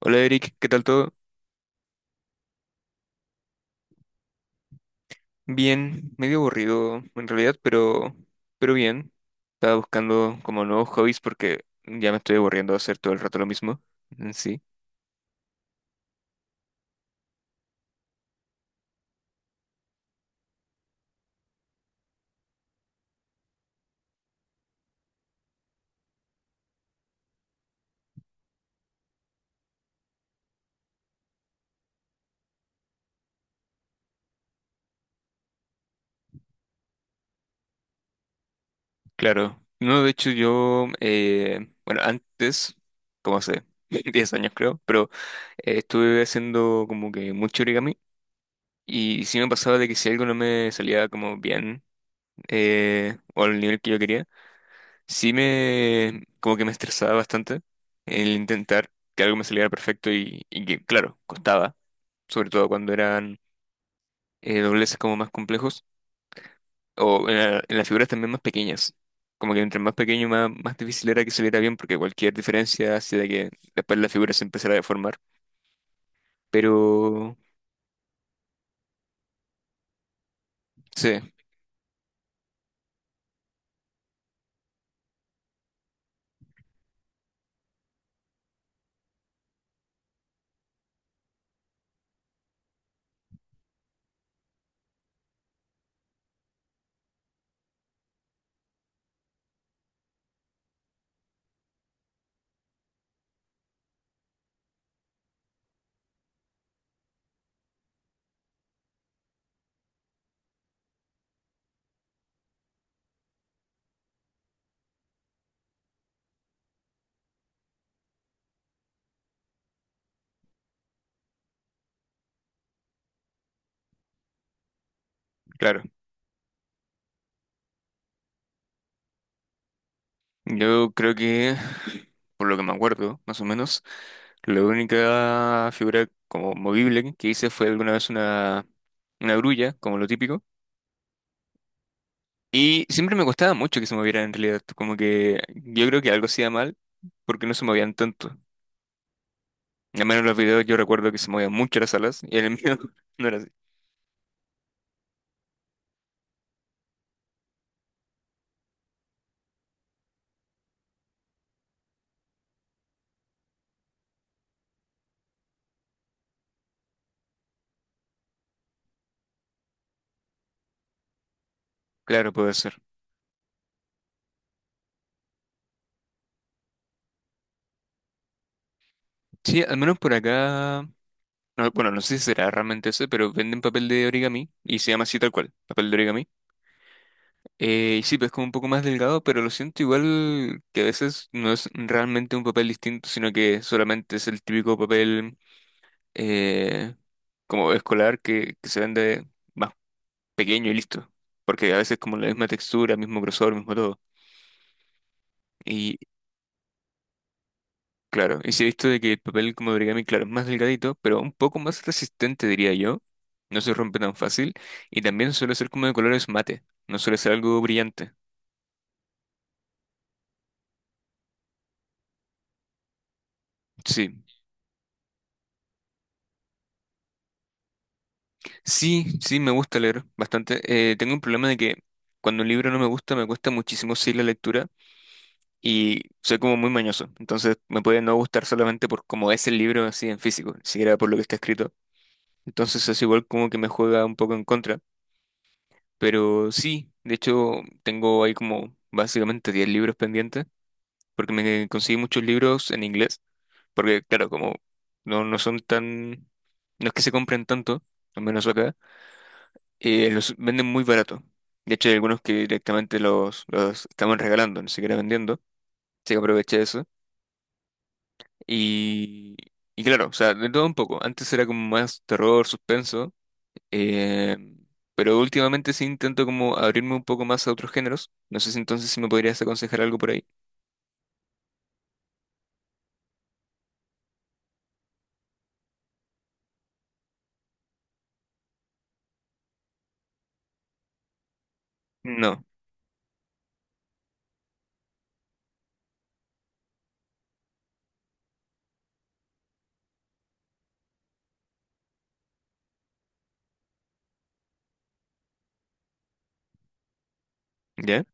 Hola Eric, ¿qué tal todo? Bien, medio aburrido en realidad, pero bien. Estaba buscando como nuevos hobbies porque ya me estoy aburriendo de hacer todo el rato lo mismo. Mm, sí, claro. No, de hecho yo, bueno, antes, como hace 10 años creo, pero estuve haciendo como que mucho origami y sí me pasaba de que si algo no me salía como bien o al nivel que yo quería. Sí me, como que me estresaba bastante el intentar que algo me saliera perfecto y que, claro, costaba, sobre todo cuando eran dobleces como más complejos o en las figuras también más pequeñas. Como que entre más pequeño, más difícil era que saliera bien, porque cualquier diferencia hacía que después la figura se empezara a deformar. Pero sí, claro, yo creo que por lo que me acuerdo, más o menos. La única figura como movible que hice fue alguna vez una grulla, como lo típico. Y siempre me costaba mucho que se movieran en realidad. Como que yo creo que algo hacía mal, porque no se movían tanto. Al menos en los videos yo recuerdo que se movían mucho las alas y en el mío no era así. Claro, puede ser. Sí, al menos por acá. No, bueno, no sé si será realmente ese, pero venden papel de origami y se llama así tal cual, papel de origami. Y sí, pues como un poco más delgado, pero lo siento igual que a veces no es realmente un papel distinto, sino que solamente es el típico papel eh, como escolar que se vende más pequeño y listo. Porque a veces como la misma textura, mismo grosor, mismo todo. Y claro, y sí he visto de que el papel como de origami, claro, es más delgadito, pero un poco más resistente, diría yo. No se rompe tan fácil. Y también suele ser como de colores mate, no suele ser algo brillante. Sí. Sí, sí, me gusta leer bastante. Tengo un problema de que cuando un libro no me gusta, me cuesta muchísimo seguir la lectura y soy como muy mañoso. Entonces me puede no gustar solamente por cómo es el libro así en físico, ni siquiera por lo que está escrito. Entonces es igual como que me juega un poco en contra. Pero sí, de hecho tengo ahí como básicamente 10 libros pendientes, porque me conseguí muchos libros en inglés. Porque claro, como no son tan. No es que se compren tanto, al menos acá. Los venden muy barato. De hecho, hay algunos que directamente los estaban regalando, ni siquiera vendiendo. Así que aproveché eso. Y, y claro, o sea, de todo un poco. Antes era como más terror, suspenso. eh, pero últimamente sí intento como abrirme un poco más a otros géneros. No sé si entonces si me podrías aconsejar algo por ahí. No. ¿Ya?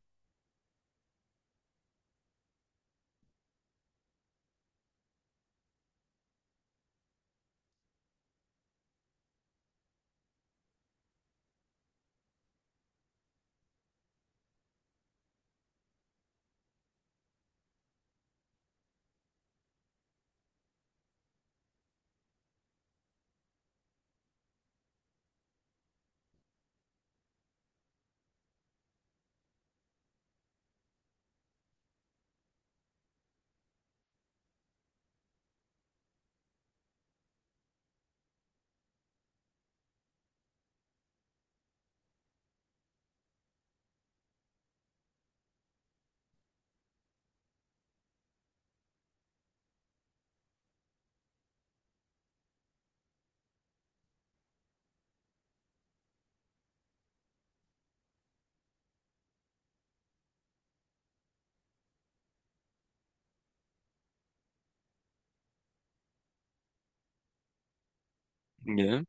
¿Ya?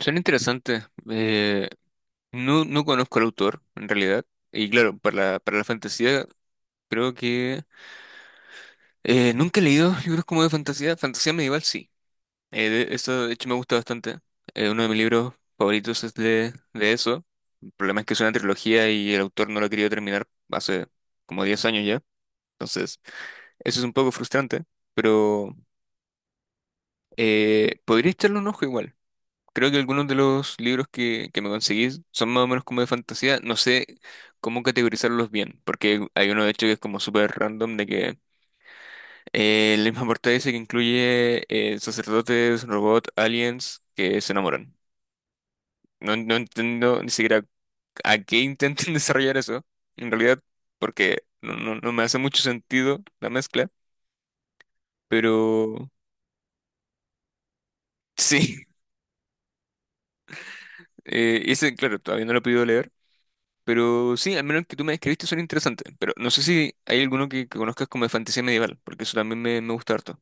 Son interesantes. No conozco al autor, en realidad. Y claro, para la fantasía, creo que. Nunca he leído libros como de fantasía. Fantasía medieval, sí. Eso, de hecho, me gusta bastante. Uno de mis libros favoritos es de eso. El problema es que es una trilogía y el autor no lo ha querido terminar hace como 10 años ya. Entonces, eso es un poco frustrante. Pero podría echarle un ojo igual. Creo que algunos de los libros que me conseguís son más o menos como de fantasía. No sé cómo categorizarlos bien, porque hay uno de hecho que es como súper random de que la misma portada dice que incluye sacerdotes, robots, aliens que se enamoran. No entiendo ni siquiera a qué intentan desarrollar eso, en realidad, porque no me hace mucho sentido la mezcla, pero sí, ese, claro, todavía no lo he podido leer, pero sí, al menos el que tú me describiste son interesantes, pero no sé si hay alguno que conozcas como de fantasía medieval, porque eso también me gusta harto.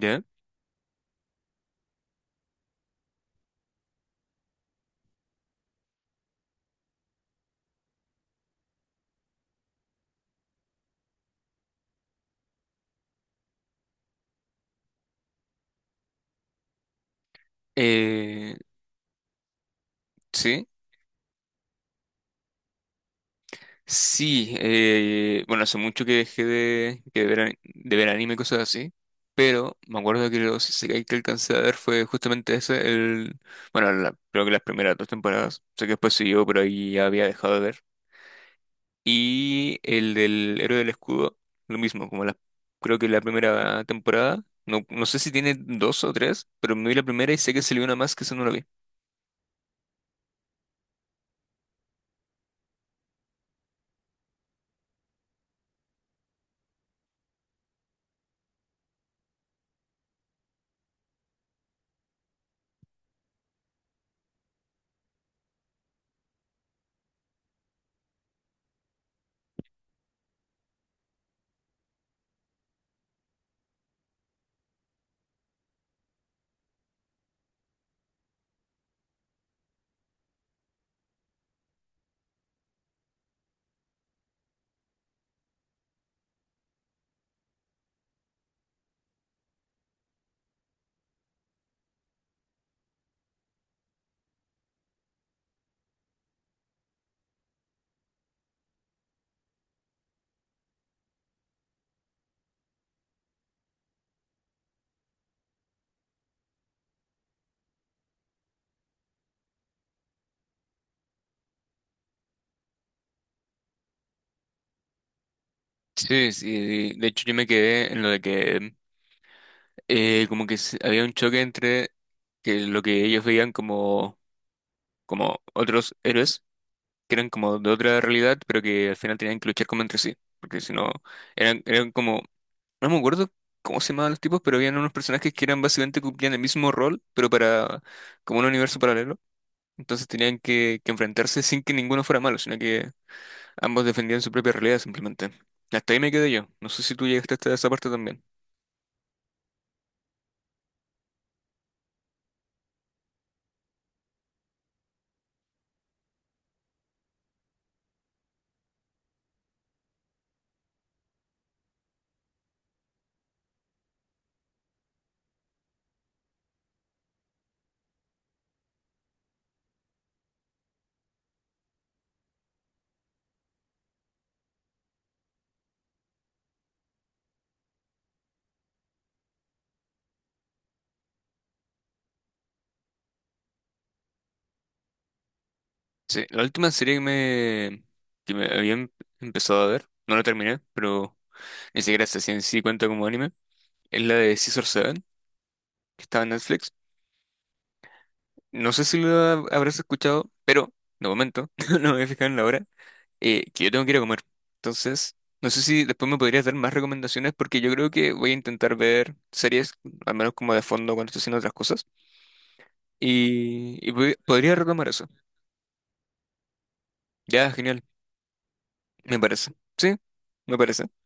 ¿Ya? Eh, sí. Sí, bueno, hace mucho que dejé de ver anime y cosas así, pero me acuerdo que los isekai que alcancé a ver fue justamente ese, bueno, creo que las primeras dos temporadas. Sé que después siguió, pero ahí ya había dejado de ver. Y el del Héroe del Escudo, lo mismo, como creo que la primera temporada, no sé si tiene dos o tres, pero me vi la primera y sé que salió una más que esa no la vi. Sí, sí, de hecho yo me quedé en lo de que como que había un choque entre que lo que ellos veían como otros héroes, que eran como de otra realidad, pero que al final tenían que luchar como entre sí, porque si no, eran como, no me acuerdo cómo se llamaban los tipos, pero habían unos personajes que eran básicamente cumplían el mismo rol, pero para como un universo paralelo. Entonces tenían que enfrentarse sin que ninguno fuera malo, sino que ambos defendían su propia realidad simplemente. Hasta ahí me quedé yo. No sé si tú llegaste hasta esa parte también. Sí, la última serie que me había empezado a ver, no la terminé, pero ni siquiera sé si en sí cuenta como anime, es la de Scissor Seven, que estaba en Netflix. No sé si la habrás escuchado, pero de momento no me he fijado en la hora, que yo tengo que ir a comer. Entonces, no sé si después me podrías dar más recomendaciones, porque yo creo que voy a intentar ver series, al menos como de fondo cuando estoy haciendo otras cosas, podría retomar eso. Ya, genial, me parece. Sí, me parece.